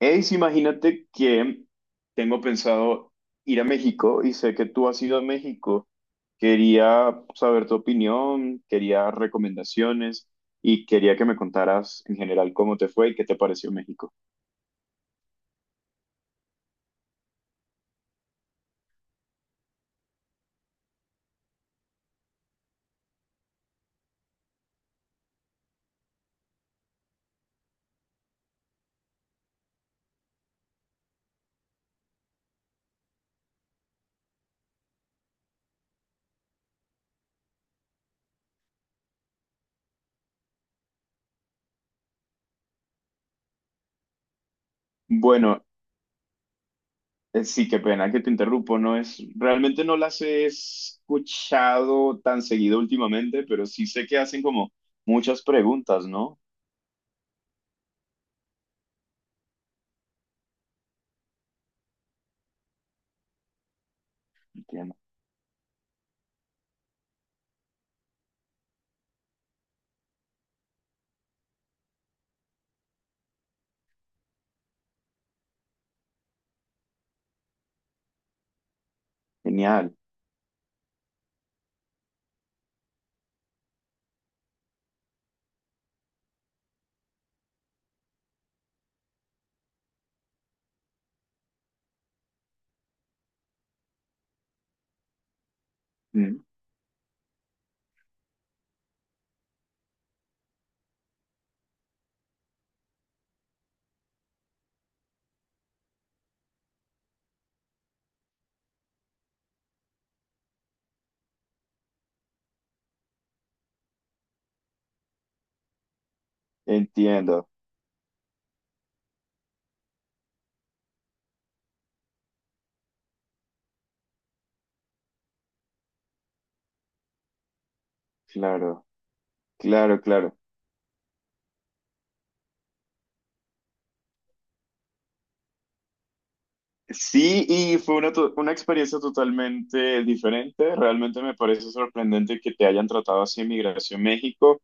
Ace, imagínate que tengo pensado ir a México y sé que tú has ido a México. Quería saber tu opinión, quería recomendaciones y quería que me contaras en general cómo te fue y qué te pareció México. Bueno, sí, qué pena que te interrumpo, realmente no las he escuchado tan seguido últimamente, pero sí sé que hacen como muchas preguntas, ¿no? Entiendo. Genial. Mm. Entiendo. Claro, claro, claro. Sí, y fue una experiencia totalmente diferente. Realmente me parece sorprendente que te hayan tratado así en Migración México.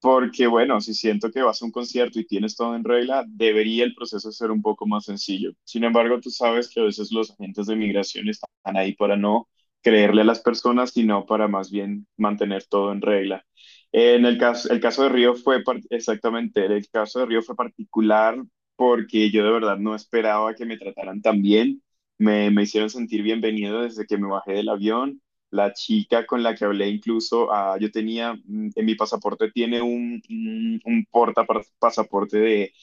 Porque bueno, si siento que vas a un concierto y tienes todo en regla, debería el proceso ser un poco más sencillo. Sin embargo, tú sabes que a veces los agentes de migración están ahí para no creerle a las personas, sino para más bien mantener todo en regla. El caso de Río fue par- exactamente, el caso de Río fue particular porque yo de verdad no esperaba que me trataran tan bien. Me hicieron sentir bienvenido desde que me bajé del avión. La chica con la que hablé incluso, yo tenía, en mi pasaporte tiene un pasaporte de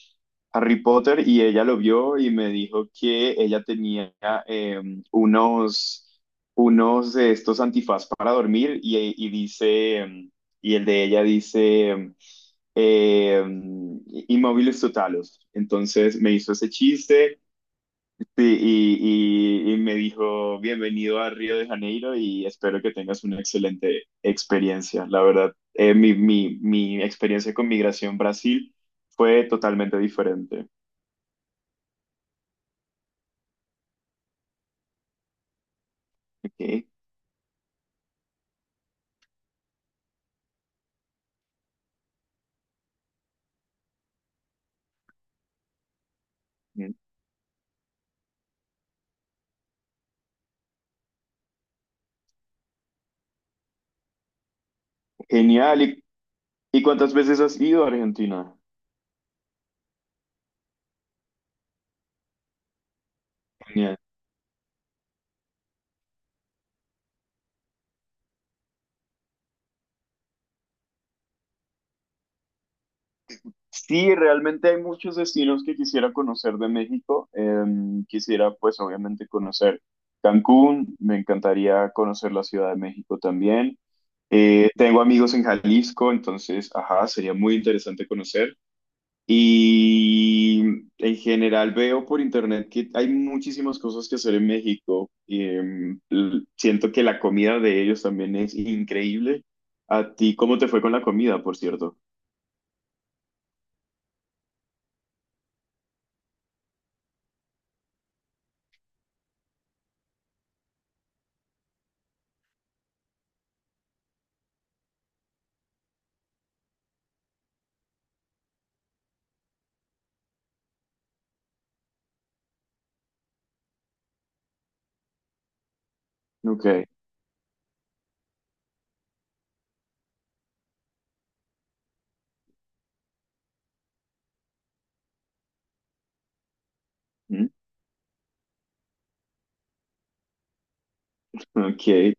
Harry Potter y ella lo vio y me dijo que ella tenía eh, unos, unos de estos antifaz para dormir y dice, y el de ella dice, eh, mm, inmóviles totalos. Entonces me hizo ese chiste. Sí, y me dijo, bienvenido a Río de Janeiro y espero que tengas una excelente experiencia. La verdad, mi experiencia con Migración Brasil fue totalmente diferente. Ok. Mm. Genial. ¿Y cuántas veces has ido a Argentina? Genial. Sí, realmente hay muchos destinos que quisiera conocer de México. Quisiera, pues, obviamente conocer Cancún. Me encantaría conocer la Ciudad de México también. Tengo amigos en Jalisco, entonces, ajá, sería muy interesante conocer. Y en general veo por internet que hay muchísimas cosas que hacer en México. Y, siento que la comida de ellos también es increíble. ¿A ti cómo te fue con la comida, por cierto? Ok. Mm. Ok.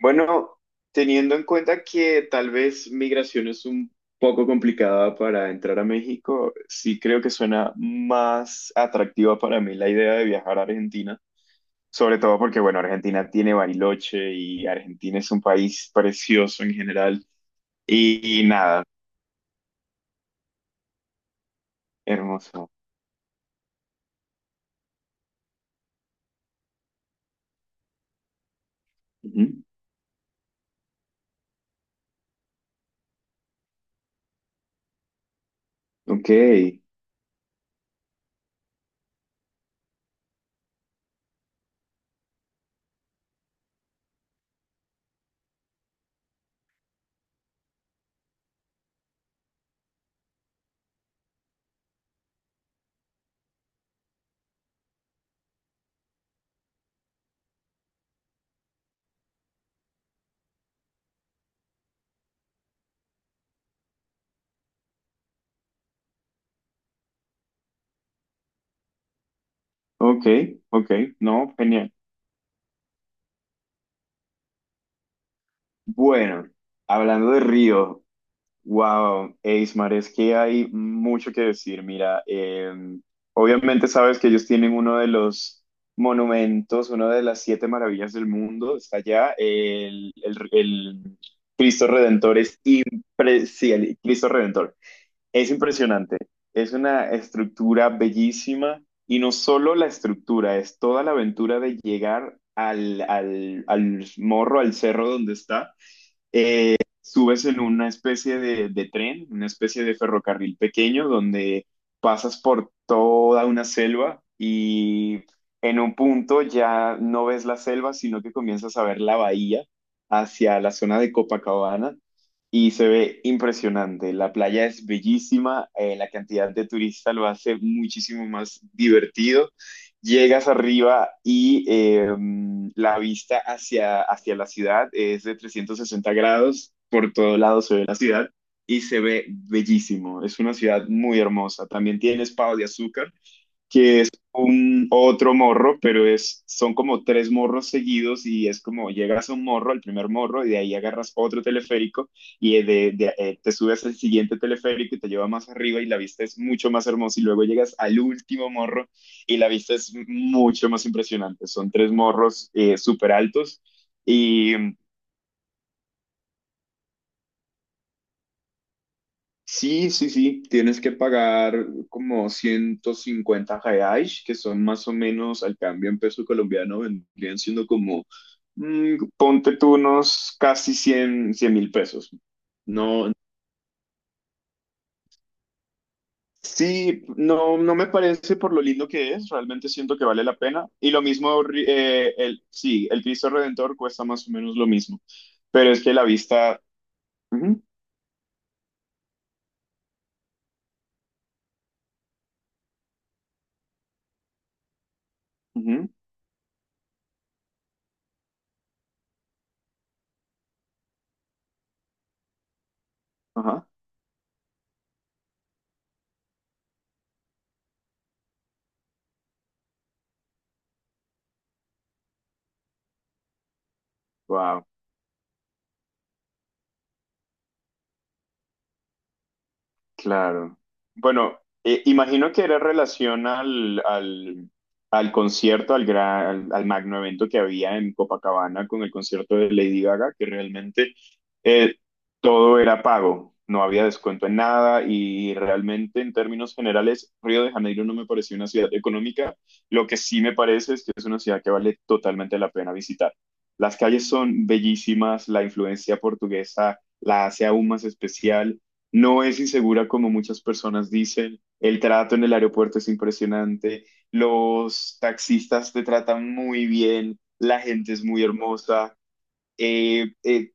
Bueno, teniendo en cuenta que tal vez migración es un poco complicada para entrar a México, sí creo que suena más atractiva para mí la idea de viajar a Argentina, sobre todo porque, bueno, Argentina tiene Bariloche y Argentina es un país precioso en general y nada, hermoso. Ujú. Ok, ok, ok, no, genial. Bueno, hablando de Río. Wow, es que hay mucho que decir. Mira, obviamente sabes que ellos tienen uno de los monumentos, una de las siete maravillas del mundo, está allá. El Cristo Redentor es impre- sí, el Cristo Redentor es impresionante. Es una estructura bellísima y no solo la estructura, es toda la aventura de llegar al, al morro, al cerro donde está, subes en una especie de tren, una especie de ferrocarril pequeño donde pasas por toda una selva y en un punto ya no ves la selva, sino que comienzas a ver la bahía hacia la zona de Copacabana y se ve impresionante. La playa es bellísima, la cantidad de turistas lo hace muchísimo más divertido. Llegas arriba y la vista hacia la ciudad es de 360 grados, por todo lado se ve la ciudad y se ve bellísimo. Es una ciudad muy hermosa. También tiene pavos de azúcar, que es un otro morro, pero son como tres morros seguidos y es como llegas a un morro, al primer morro, y de ahí agarras otro teleférico y te subes al siguiente teleférico y te lleva más arriba y la vista es mucho más hermosa y luego llegas al último morro y la vista es mucho más impresionante. Son tres morros súper altos. Sí, sí, sí, tienes que pagar como 150 reais, que son más o menos al cambio en peso colombiano, vendrían siendo como, ponte tú unos casi cien mil pesos. No, sí, no, no me parece, por lo lindo que es, realmente siento que vale la pena. Y lo mismo, el Cristo Redentor cuesta más o menos lo mismo, pero es que la vista, ujú, ujú, ajá. Claro. Bueno, imagino que era relación al concierto, al magno evento que había en Copacabana con el concierto de Lady Gaga, que realmente eh, todo era pago, no había descuento en nada y realmente en términos generales Río de Janeiro no me pareció una ciudad económica, lo que sí me parece es que es una ciudad que vale totalmente la pena visitar. Las calles son bellísimas, la influencia portuguesa la hace aún más especial. No es insegura como muchas personas dicen. El trato en el aeropuerto es impresionante. Los taxistas te tratan muy bien. La gente es muy hermosa. eh, eh,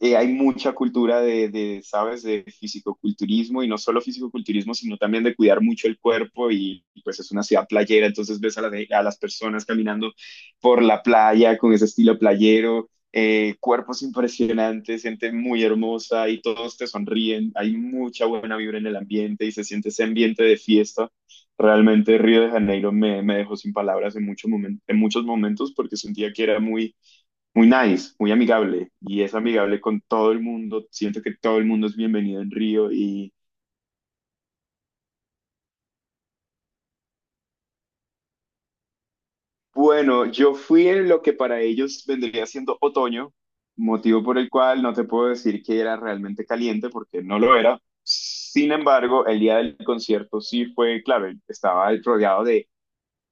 Hay mucha cultura de, ¿sabes?, de fisicoculturismo y no solo fisicoculturismo, sino también de cuidar mucho el cuerpo y pues es una ciudad playera, entonces ves a las personas caminando por la playa con ese estilo playero, cuerpos impresionantes, gente muy hermosa y todos te sonríen, hay mucha buena vibra en el ambiente y se siente ese ambiente de fiesta. Realmente Río de Janeiro me dejó sin palabras en, mucho momen en muchos momentos porque sentía que era muy muy nice, muy amigable y es amigable con todo el mundo. Siento que todo el mundo es bienvenido en Río y bueno, yo fui en lo que para ellos vendría siendo otoño, motivo por el cual no te puedo decir que era realmente caliente porque no lo era. Sin embargo, el día del concierto sí clave, estaba rodeado de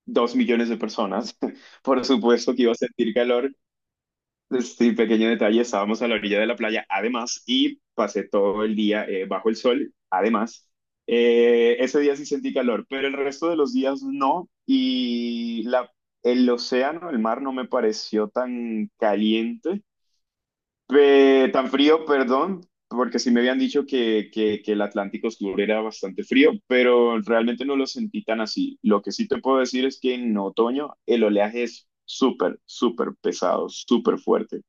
2 millones de personas. Por supuesto que iba a sentir calor. Pues sí, pequeño detalle, estábamos a la orilla de la playa, además, y pasé todo el día bajo el sol, además. Ese día sí sentí calor, pero el resto de los días no, y el océano, el mar, no me pareció tan caliente, tan frío, perdón, porque sí me habían dicho que el Atlántico Sur era bastante frío, pero realmente no lo sentí tan así. Lo que sí te puedo decir es que en otoño el oleaje es súper, súper pesado, súper fuerte.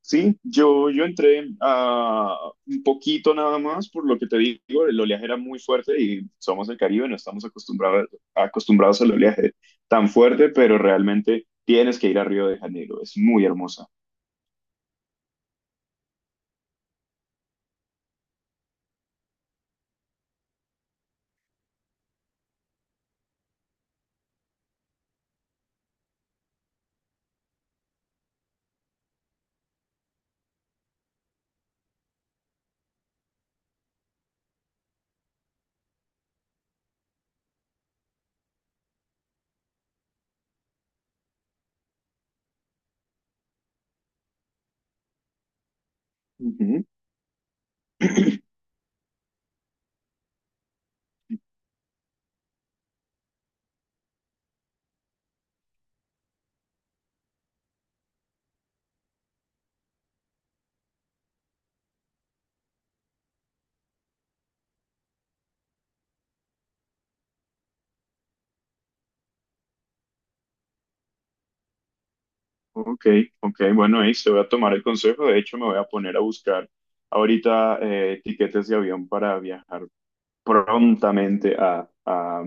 Sí, yo entré a un poquito nada más, por lo que te digo, el oleaje era muy fuerte y somos del Caribe, no estamos acostumbrados, acostumbrados al oleaje tan fuerte, pero realmente tienes que ir a Río de Janeiro, es muy hermosa. Ujú. Ok, ok, bueno, ahí se voy a tomar el consejo, de hecho me voy a poner a buscar ahorita tiquetes de avión para viajar prontamente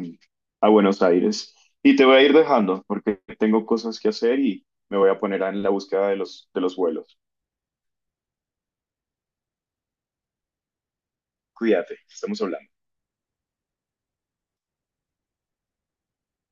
a Buenos Aires. Y te voy a ir dejando porque tengo cosas que hacer y me voy a poner en la búsqueda de los vuelos. Cuídate, estamos hablando.